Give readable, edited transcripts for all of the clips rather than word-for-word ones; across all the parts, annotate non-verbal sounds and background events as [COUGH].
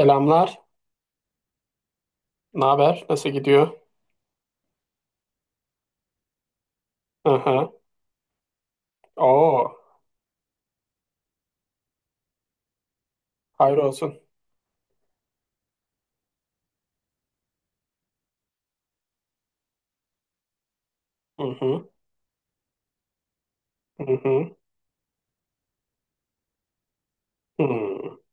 Selamlar. Ne haber? Nasıl gidiyor? Aha. Oo. Hayır olsun. Hı hı. Hı hı. Hı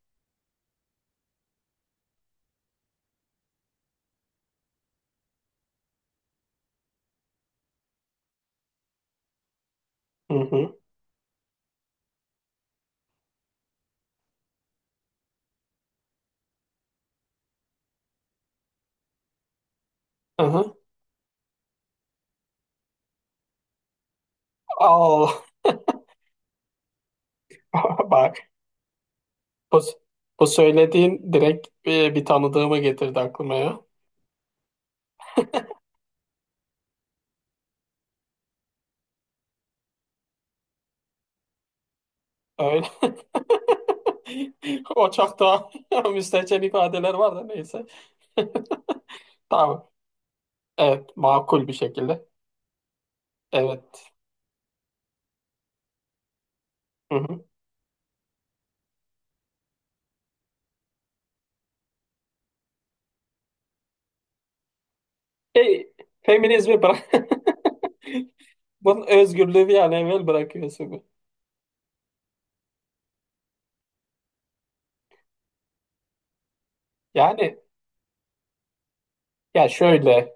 hı. Hı hı. Al. [LAUGHS] Bak. Bu, bu söylediğin direkt bir tanıdığımı getirdi aklıma ya. Öyle. [LAUGHS] O çok daha [LAUGHS] müstehcen ifadeler var da neyse. [LAUGHS] Tamam. Evet. Makul bir şekilde. Evet. Hı hı. E, Feminizmi bırak. [LAUGHS] Bunun özgürlüğü bir an evvel bırakıyorsun. Yani ya şöyle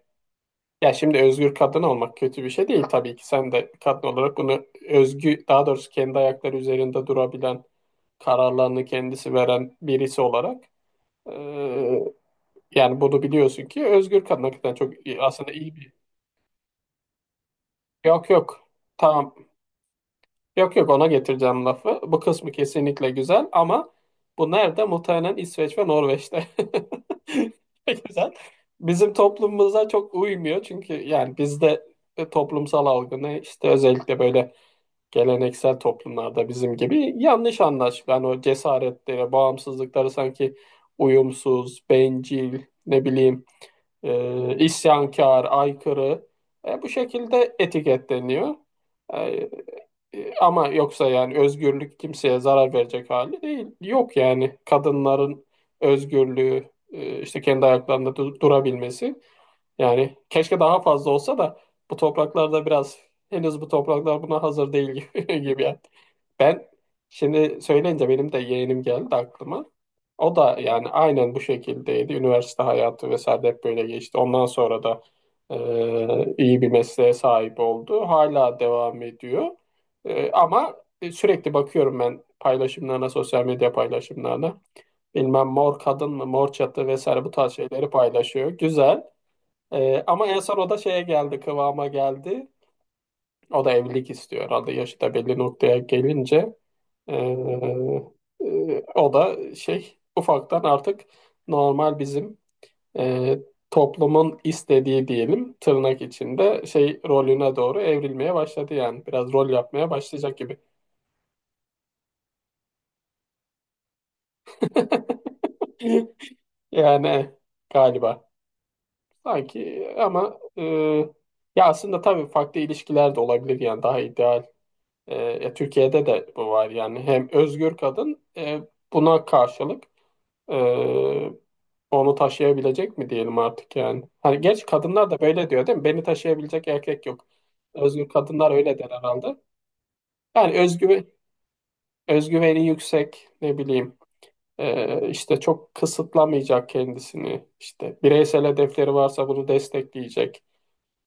ya şimdi özgür kadın olmak kötü bir şey değil tabii ki. Sen de kadın olarak bunu özgü, daha doğrusu kendi ayakları üzerinde durabilen, kararlarını kendisi veren birisi olarak eee, yani bunu biliyorsun ki özgür kadın hakikaten aslında iyi bir yok yok tamam Yok yok, ona getireceğim lafı. Bu kısmı kesinlikle güzel ama bu nerede? Muhtemelen İsveç ve Norveç'te. [LAUGHS] Ne Güzel. Bizim toplumumuza çok uymuyor, çünkü yani bizde toplumsal algı ne, işte özellikle böyle geleneksel toplumlarda bizim gibi yanlış anlaşılıyor. Yani o cesaretlere, bağımsızlıkları sanki uyumsuz, bencil, ne bileyim, isyankar, aykırı, bu şekilde etiketleniyor. E, Ama yoksa yani özgürlük kimseye zarar verecek hali değil. Yok yani kadınların özgürlüğü, işte kendi ayaklarında durabilmesi. Yani keşke daha fazla olsa da bu topraklarda biraz, henüz bu topraklar buna hazır değil [LAUGHS] gibi, gibi yani. Ben şimdi söyleyince benim de yeğenim geldi aklıma. O da yani aynen bu şekildeydi. Üniversite hayatı vesaire de hep böyle geçti. Ondan sonra da iyi bir mesleğe sahip oldu. Hala devam ediyor. E, ama sürekli bakıyorum ben paylaşımlarına, sosyal medya paylaşımlarına. Bilmem mor kadın mı, mor çatı vesaire, bu tarz şeyleri paylaşıyor. Güzel. Ama en son o da şeye geldi, kıvama geldi. O da evlilik istiyor. Adı yaşı da belli noktaya gelince ee, o da şey, ufaktan artık normal bizim ee, toplumun istediği diyelim, tırnak içinde şey rolüne doğru evrilmeye başladı yani. Biraz rol yapmaya başlayacak gibi. [LAUGHS] Yani galiba, sanki, ama ya aslında tabii farklı ilişkiler de olabilir yani, daha ideal. E, ya Türkiye'de de bu var yani, hem özgür kadın, buna karşılık e, onu taşıyabilecek mi diyelim artık yani. Hani genç kadınlar da böyle diyor değil mi? Beni taşıyabilecek erkek yok. Özgür kadınlar öyle der herhalde. Yani özgü, özgüveni yüksek, ne bileyim, işte çok kısıtlamayacak kendisini, işte bireysel hedefleri varsa bunu destekleyecek,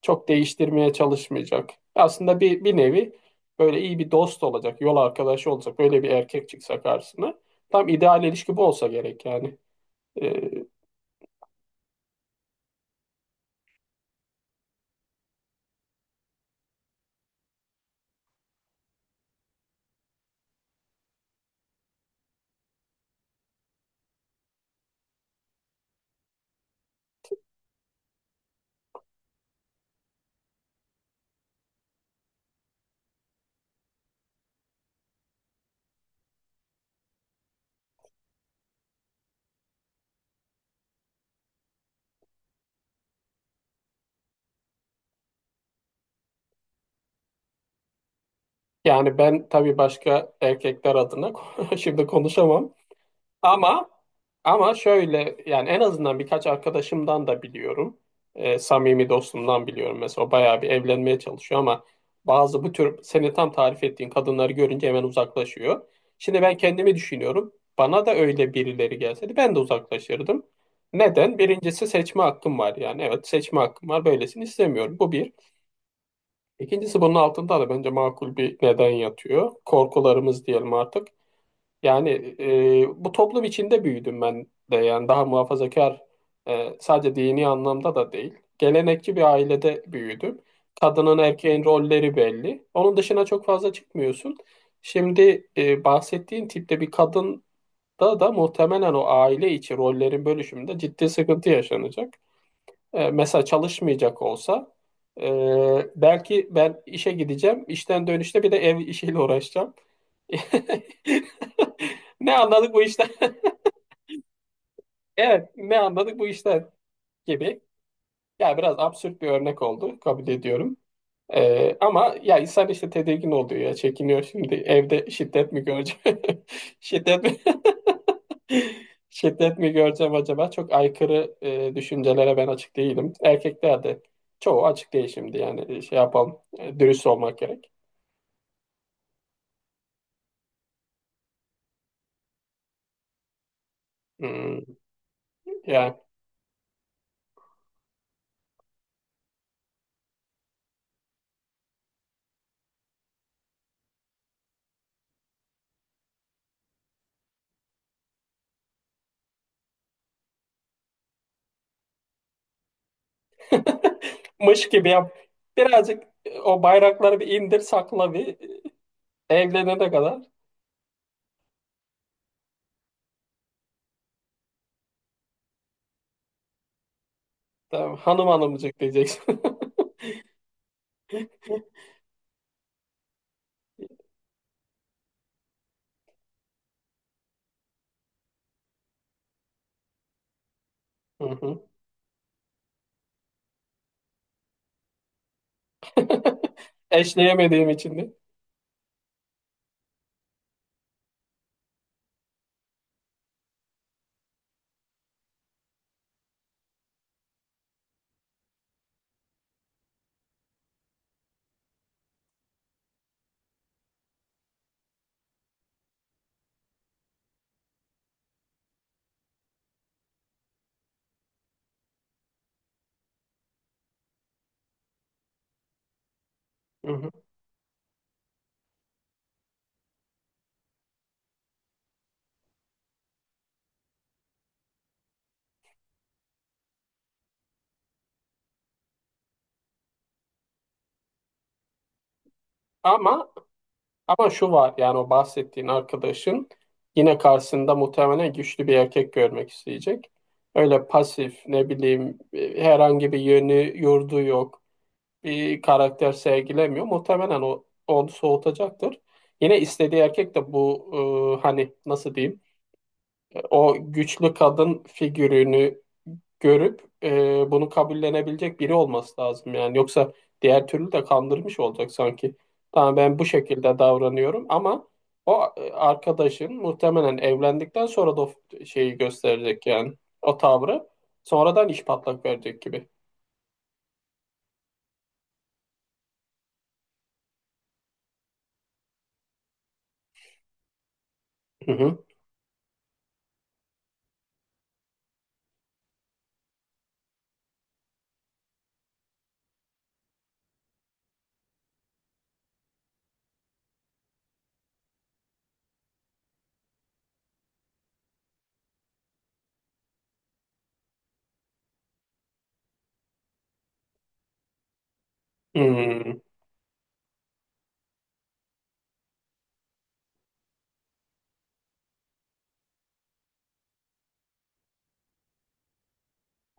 çok değiştirmeye çalışmayacak. Aslında bir nevi böyle iyi bir dost olacak, yol arkadaşı olacak. Böyle bir erkek çıksa karşısına. Tam ideal ilişki bu olsa gerek yani. Ee, yani ben tabii başka erkekler adına [LAUGHS] şimdi konuşamam. Ama ama şöyle, yani en azından birkaç arkadaşımdan da biliyorum. Samimi dostumdan biliyorum mesela, o bayağı bir evlenmeye çalışıyor ama bazı bu tür, seni tam tarif ettiğin kadınları görünce hemen uzaklaşıyor. Şimdi ben kendimi düşünüyorum. Bana da öyle birileri gelseydi ben de uzaklaşırdım. Neden? Birincisi seçme hakkım var yani. Evet, seçme hakkım var. Böylesini istemiyorum. Bu bir. İkincisi, bunun altında da bence makul bir neden yatıyor. Korkularımız diyelim artık. Yani bu toplum içinde büyüdüm ben de, yani daha muhafazakar, sadece dini anlamda da değil. Gelenekçi bir ailede büyüdüm. Kadının erkeğin rolleri belli. Onun dışına çok fazla çıkmıyorsun. Şimdi bahsettiğin tipte bir kadın da muhtemelen o aile içi rollerin bölüşümünde ciddi sıkıntı yaşanacak. E, mesela çalışmayacak olsa, e, belki ben işe gideceğim, işten dönüşte bir de ev işiyle uğraşacağım. [LAUGHS] Ne anladık bu işten? [LAUGHS] Evet, ne anladık bu işten gibi. Ya biraz absürt bir örnek oldu, kabul ediyorum. Ama ya insan işte tedirgin oluyor ya, çekiniyor, şimdi evde şiddet mi göreceğim? [LAUGHS] Şiddet mi? [LAUGHS] Şiddet mi göreceğim acaba? Çok aykırı düşüncelere ben açık değilim. Erkekler de çoğu açık değil şimdi, yani şey yapalım, dürüst olmak gerek. Hmm, yani. [LAUGHS] Mış gibi yap. Birazcık, o bayrakları bir indir sakla bir, E, evlenene kadar. Tamam, hanım hanımcık diyeceksin. [LAUGHS] Hı hı. [LAUGHS] Eşleyemediğim için de. Hı hı. Ama ama şu var yani, o bahsettiğin arkadaşın yine karşısında muhtemelen güçlü bir erkek görmek isteyecek. Öyle pasif, ne bileyim, herhangi bir yönü yurdu yok, bir karakter sergilemiyor. Muhtemelen o onu soğutacaktır. Yine istediği erkek de bu, hani nasıl diyeyim, o güçlü kadın figürünü görüp bunu kabullenebilecek biri olması lazım yani. Yoksa diğer türlü de kandırmış olacak sanki. Tamam ben bu şekilde davranıyorum ama o, arkadaşın muhtemelen evlendikten sonra da o şeyi gösterecek, yani o tavrı sonradan iş patlak verecek gibi. Hı hı. Hmm.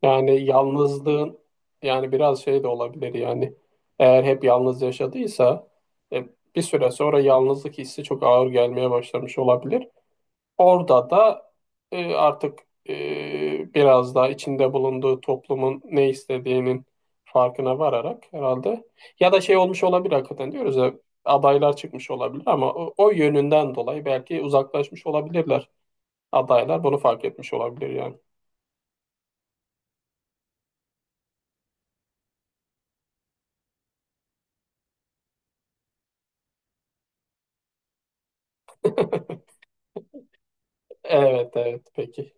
Yani yalnızlığın yani biraz şey de olabilir yani. Eğer hep yalnız yaşadıysa e, bir süre sonra yalnızlık hissi çok ağır gelmeye başlamış olabilir. Orada da artık biraz daha içinde bulunduğu toplumun ne istediğinin farkına vararak, herhalde, ya da şey olmuş olabilir, hakikaten diyoruz ya, adaylar çıkmış olabilir ama o yönünden dolayı belki uzaklaşmış olabilirler, adaylar bunu fark etmiş olabilir yani. Evet, evet, peki.